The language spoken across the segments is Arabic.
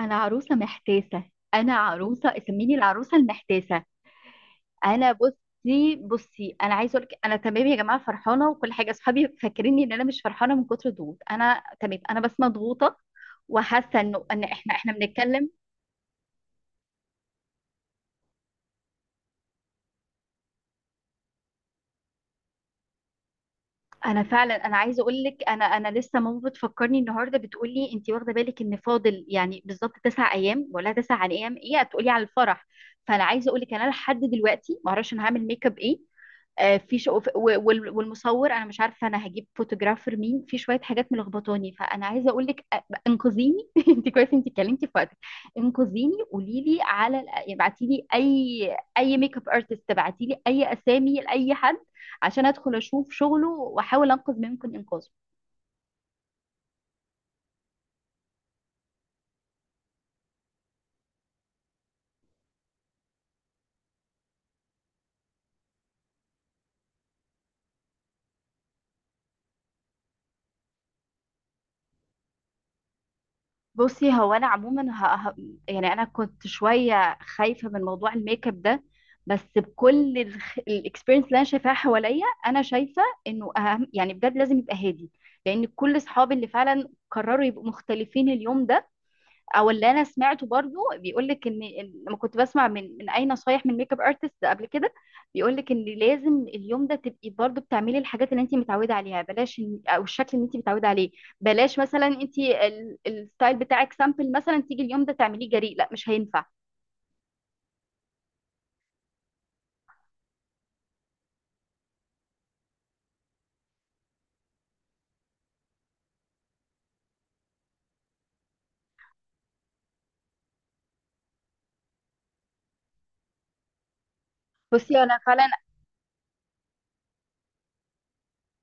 انا عروسه محتاسه. انا عروسه اسميني العروسه المحتاسه. انا بصي انا عايزه اقول لك انا تمام يا جماعه، فرحانه وكل حاجه. اصحابي فاكريني ان انا مش فرحانه من كتر الضغوط. انا تمام، انا بس مضغوطه وحاسه انه ان احنا بنتكلم. انا فعلا انا عايزه اقول لك، انا لسه ماما بتفكرني النهارده، بتقول لي انت واخده بالك ان فاضل يعني بالظبط 9 ايام ولا تسع، عن ايام ايه هتقولي على الفرح. فانا عايزه اقول لك انا لحد دلوقتي ما اعرفش انا هعمل ميك اب ايه. في شو... والمصور انا مش عارفه انا هجيب فوتوجرافر مين. في شويه حاجات ملخبطاني، فانا عايزه اقول لك انقذيني. انت كويس انت اتكلمتي في وقتك. انقذيني، قولي لي على، ابعتي لي اي ميك اب ارتست، ابعتي لي اي اسامي لاي حد عشان ادخل اشوف شغله واحاول انقذ ما يمكن انقاذه. بصي هو انا عموما يعني انا كنت شويه خايفه من موضوع الميك اب ده، بس بكل الاكسبيرينس اللي انا شايفاها حواليا، انا شايفه انه اهم يعني بجد لازم يبقى هادي. لان كل اصحابي اللي فعلا قرروا يبقوا مختلفين اليوم ده، او اللي انا سمعته برضو بيقول لك ان لما كنت بسمع من اي نصايح من ميك اب ارتست قبل كده، بيقول لك ان لازم اليوم ده تبقي برضو بتعملي الحاجات اللي انت متعوده عليها، بلاش او الشكل اللي انت متعوده عليه. بلاش مثلا انت الستايل بتاعك سامبل مثلا تيجي اليوم ده تعمليه جريء، لا مش هينفع. بصي انا فعلا،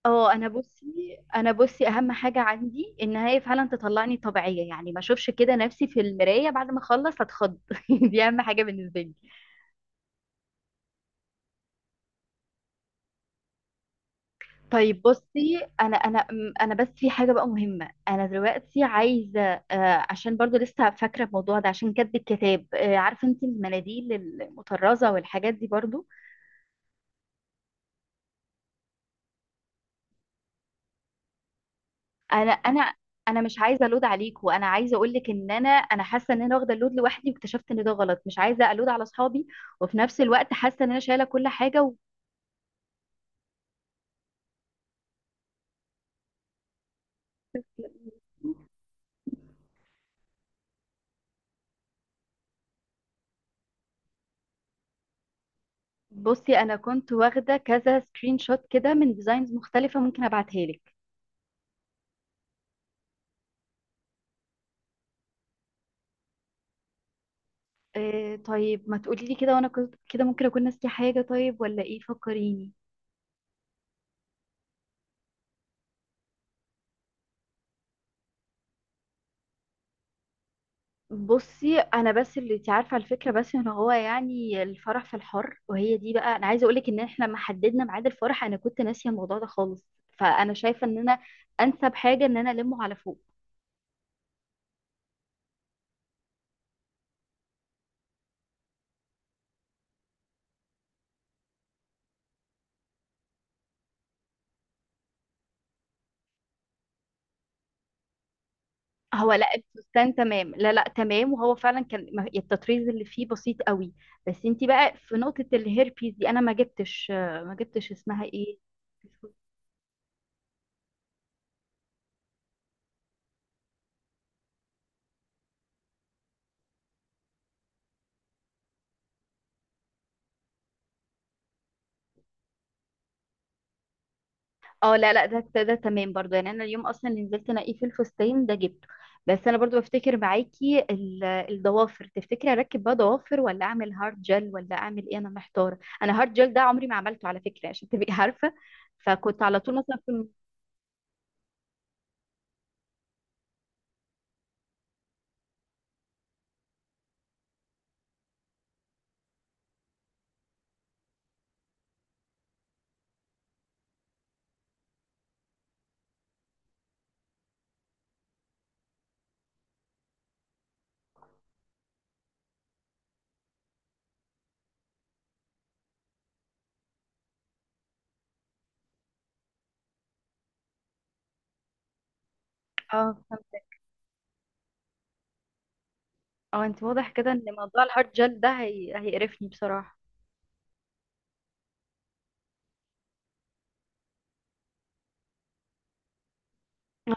اه انا بصي، انا بصي: اهم حاجه عندي ان هي فعلا تطلعني طبيعيه، يعني ما اشوفش كده نفسي في المرايه بعد ما اخلص اتخض. دي اهم حاجه بالنسبه لي. طيب بصي انا بس في حاجه بقى مهمه انا دلوقتي عايزه، عشان برضو لسه فاكره الموضوع ده عشان كاتبه الكتاب، عارفه انت المناديل المطرزه والحاجات دي برضو؟ انا انا انا مش عايزه الود عليكم، انا عايزه اقول لك ان انا حاسه ان انا واخده اللود لوحدي، واكتشفت ان ده غلط. مش عايزه الود على اصحابي وفي نفس الوقت حاسه ان انا شايله كل حاجه و... بصي انا كنت واخده كذا سكرين شوت كده من ديزاينز مختلفه، ممكن ابعتها لك. آه طيب ما تقولي لي كده، كده ممكن اكون ناسيه حاجه. طيب ولا ايه، فكريني. بصي انا بس اللي انت عارفه على الفكره، بس ان هو يعني الفرح في الحر، وهي دي بقى انا عايزه اقول لك ان احنا لما حددنا ميعاد الفرح انا كنت ناسيه الموضوع ده خالص. فانا شايفه ان انا انسب حاجه ان انا المه على فوق. هو لا الفستان تمام، لا لا تمام، وهو فعلا كان التطريز اللي فيه بسيط قوي. بس انت بقى في نقطه الهيربيز دي انا ما جبتش، اسمها ايه. اه لا لا، ده تمام برضو، يعني انا اليوم اصلا اللي نزلت انقيه في الفستان ده جبته. بس انا برضو بفتكر معاكي الضوافر، تفتكري اركب بقى ضوافر ولا اعمل هارد جel ولا اعمل ايه؟ انا محتاره. انا هارد جel ده عمري ما عملته على فكره، عشان تبقي عارفه فكنت على طول مثلا في اه فهمت. اه انت واضح كده ان موضوع الهارد جel ده هيقرفني بصراحه.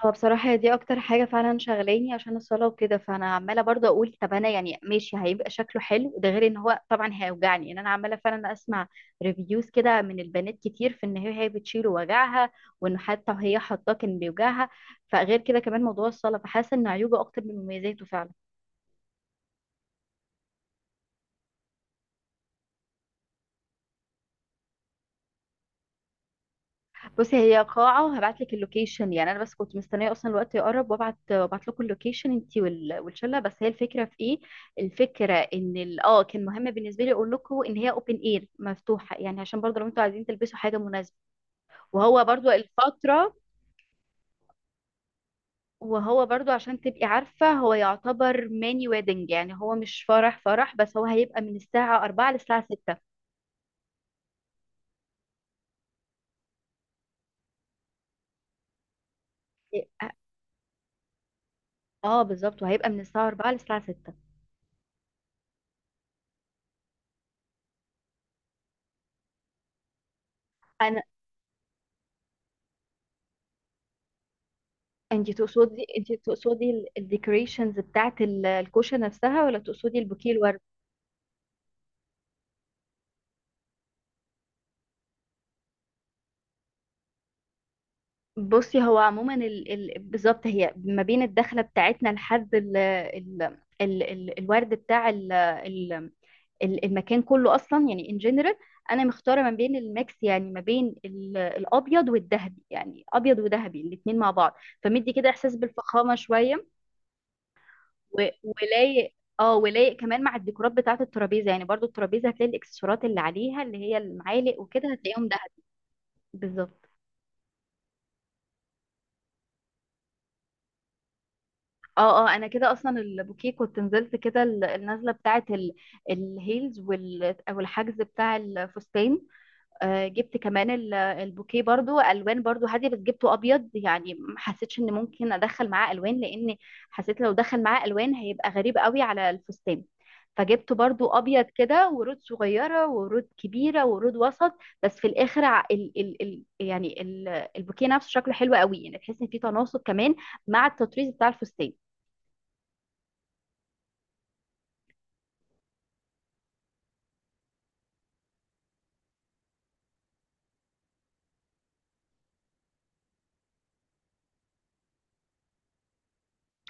هو بصراحة هي دي أكتر حاجة فعلا شغلاني عشان الصلاة وكده، فأنا عمالة برضه أقول طب أنا يعني ماشي هيبقى شكله حلو، ده غير إن هو طبعا هيوجعني. إن أنا عمالة فعلا أسمع ريفيوز كده من البنات كتير في إن هي بتشيل وجعها، وإن حتى وهي حاطاه كان بيوجعها. فغير كده كمان موضوع الصلاة، فحاسة إن عيوبه أكتر من مميزاته فعلا. بصي هي قاعة، هبعت لك اللوكيشن. يعني انا بس كنت مستنية اصلا الوقت يقرب وابعت، وابعت لكم اللوكيشن انتي والشلة. بس هي الفكرة في ايه، الفكرة ان ال- كان مهم بالنسبة لي اقول لكم ان هي اوبن اير مفتوحة، يعني عشان برضو لو انتوا عايزين تلبسوا حاجة مناسبة، وهو برضو الفترة، وهو برضو عشان تبقي عارفة، هو يعتبر ماني ويدنج يعني هو مش فرح فرح، بس هو هيبقى من الساعة 4 للساعة 6. اه بالظبط، وهيبقى من الساعة 4 للساعة 6. انت تقصدي الديكوريشنز بتاعت الكوشه نفسها ولا تقصدي البوكيه الورد؟ بصي هو عموما بالظبط هي ما بين الدخله بتاعتنا لحد الورد بتاع المكان كله اصلا، يعني ان جنرال انا مختاره ما بين الميكس، يعني ما بين الابيض والذهبي، يعني ابيض وذهبي الاتنين مع بعض، فمدي كده احساس بالفخامه شويه و- ولايق. اه ولايق كمان مع الديكورات بتاعة الترابيزة. يعني برضو الترابيزة هتلاقي الاكسسوارات اللي عليها اللي هي المعالق وكده هتلاقيهم دهب. بالظبط. اه اه انا كده اصلا البوكيه كنت نزلت كده النازلة بتاعة الهيلز او الحجز بتاع الفستان. جبت كمان البوكيه برضو الوان برضو هاديه، بس جبته ابيض، يعني ما حسيتش ان ممكن ادخل معاه الوان، لان حسيت لو دخل معاه الوان هيبقى غريب قوي على الفستان. فجبته برضو ابيض كده، ورود صغيره ورود كبيره ورود وسط. بس في الاخر ع- ال ال ال يعني ال البوكيه نفسه شكله حلو قوي، يعني تحس ان في تناسق كمان مع التطريز بتاع الفستان.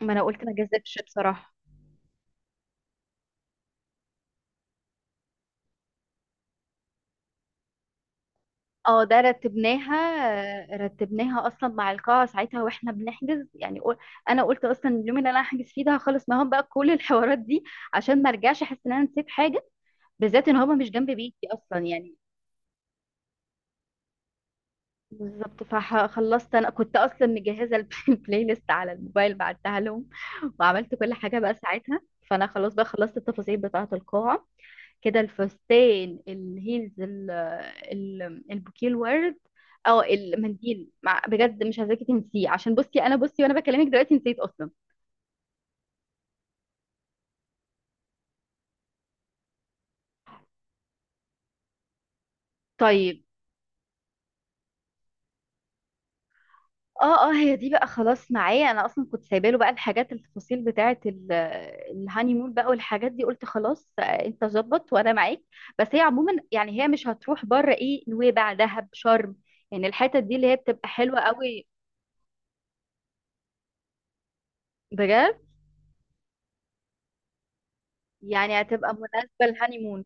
ما انا قلت ما جذبش بصراحه. اه ده رتبناها اصلا مع القاعه ساعتها واحنا بنحجز، يعني انا قلت اصلا اليوم اللي انا هحجز فيه ده هخلص معاهم بقى كل الحوارات دي، عشان ما ارجعش احس ان انا نسيت حاجه، بالذات ان هما مش جنب بيتي اصلا يعني. بالظبط فخلصت، انا كنت اصلا مجهزه البلاي ليست على الموبايل، بعتها لهم وعملت كل حاجه بقى ساعتها. فانا خلاص بقى خلصت التفاصيل بتاعه القاعه كده، الفستان، الهيلز، البوكيه الورد، او المنديل مع بجد مش عايزاكي تنسيه، عشان بصي انا بصي وانا بكلمك دلوقتي نسيت اصلا. طيب اه اه هي دي بقى خلاص معايا، انا اصلا كنت سايبه له بقى الحاجات التفاصيل بتاعه الهانيمون بقى والحاجات دي، قلت خلاص انت ظبط وانا معاك. بس هي عموما يعني هي مش هتروح بره، ايه نويبع دهب شرم، يعني الحتت دي اللي هي بتبقى حلوه قوي. بجد، يعني هتبقى مناسبه للهانيمون.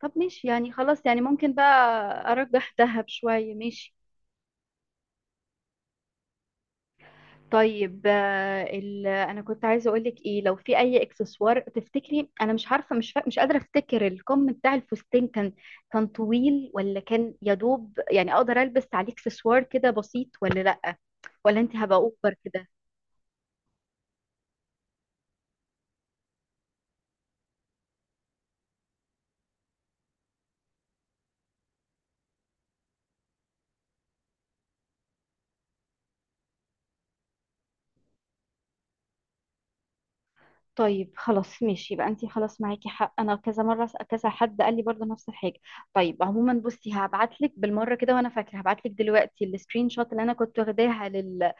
طب ماشي يعني خلاص، يعني ممكن بقى ارجح دهب شوية، ماشي. طيب انا كنت عايزه اقول لك ايه، لو في اي اكسسوار تفتكري، انا مش عارفه مش قادره افتكر الكم بتاع الفستان كان، كان طويل ولا كان يا دوب يعني اقدر البس عليه اكسسوار كده بسيط، ولا لا ولا انت هبقى اوفر كده. طيب خلاص ماشي، يبقى انتي خلاص معاكي حق، انا كذا مره كذا حد قال لي برضه نفس الحاجه. طيب عموما بصي هبعت لك بالمره كده، وانا فاكره هبعت لك دلوقتي السكرين شوت اللي انا كنت واخداها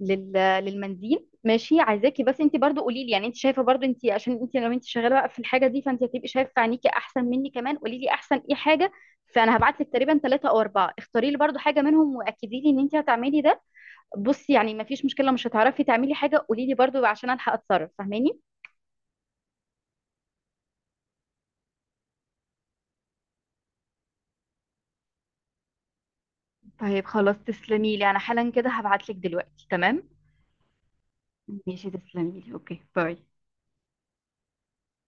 لل... للمنديل. ماشي عايزاكي بس انتي برضه قولي لي، يعني انت شايفه برضه انتي، عشان انتي لو انتي شغاله بقى في الحاجه دي فانتي هتبقي شايفه عينيكي احسن مني، كمان قولي لي احسن ايه حاجه. فانا هبعت لك تقريبا 3 او 4، اختاري لي برضه حاجه منهم واكدي لي ان انتي هتعملي ده. بصي يعني مفيش مشكله مش هتعرفي تعملي حاجه، قولي لي برضه عشان الحق اتصرف، فاهماني. طيب خلاص تسلمي لي، انا حالا كده هبعت لك دلوقتي، تمام. ماشي تسلمي لي، اوكي باي.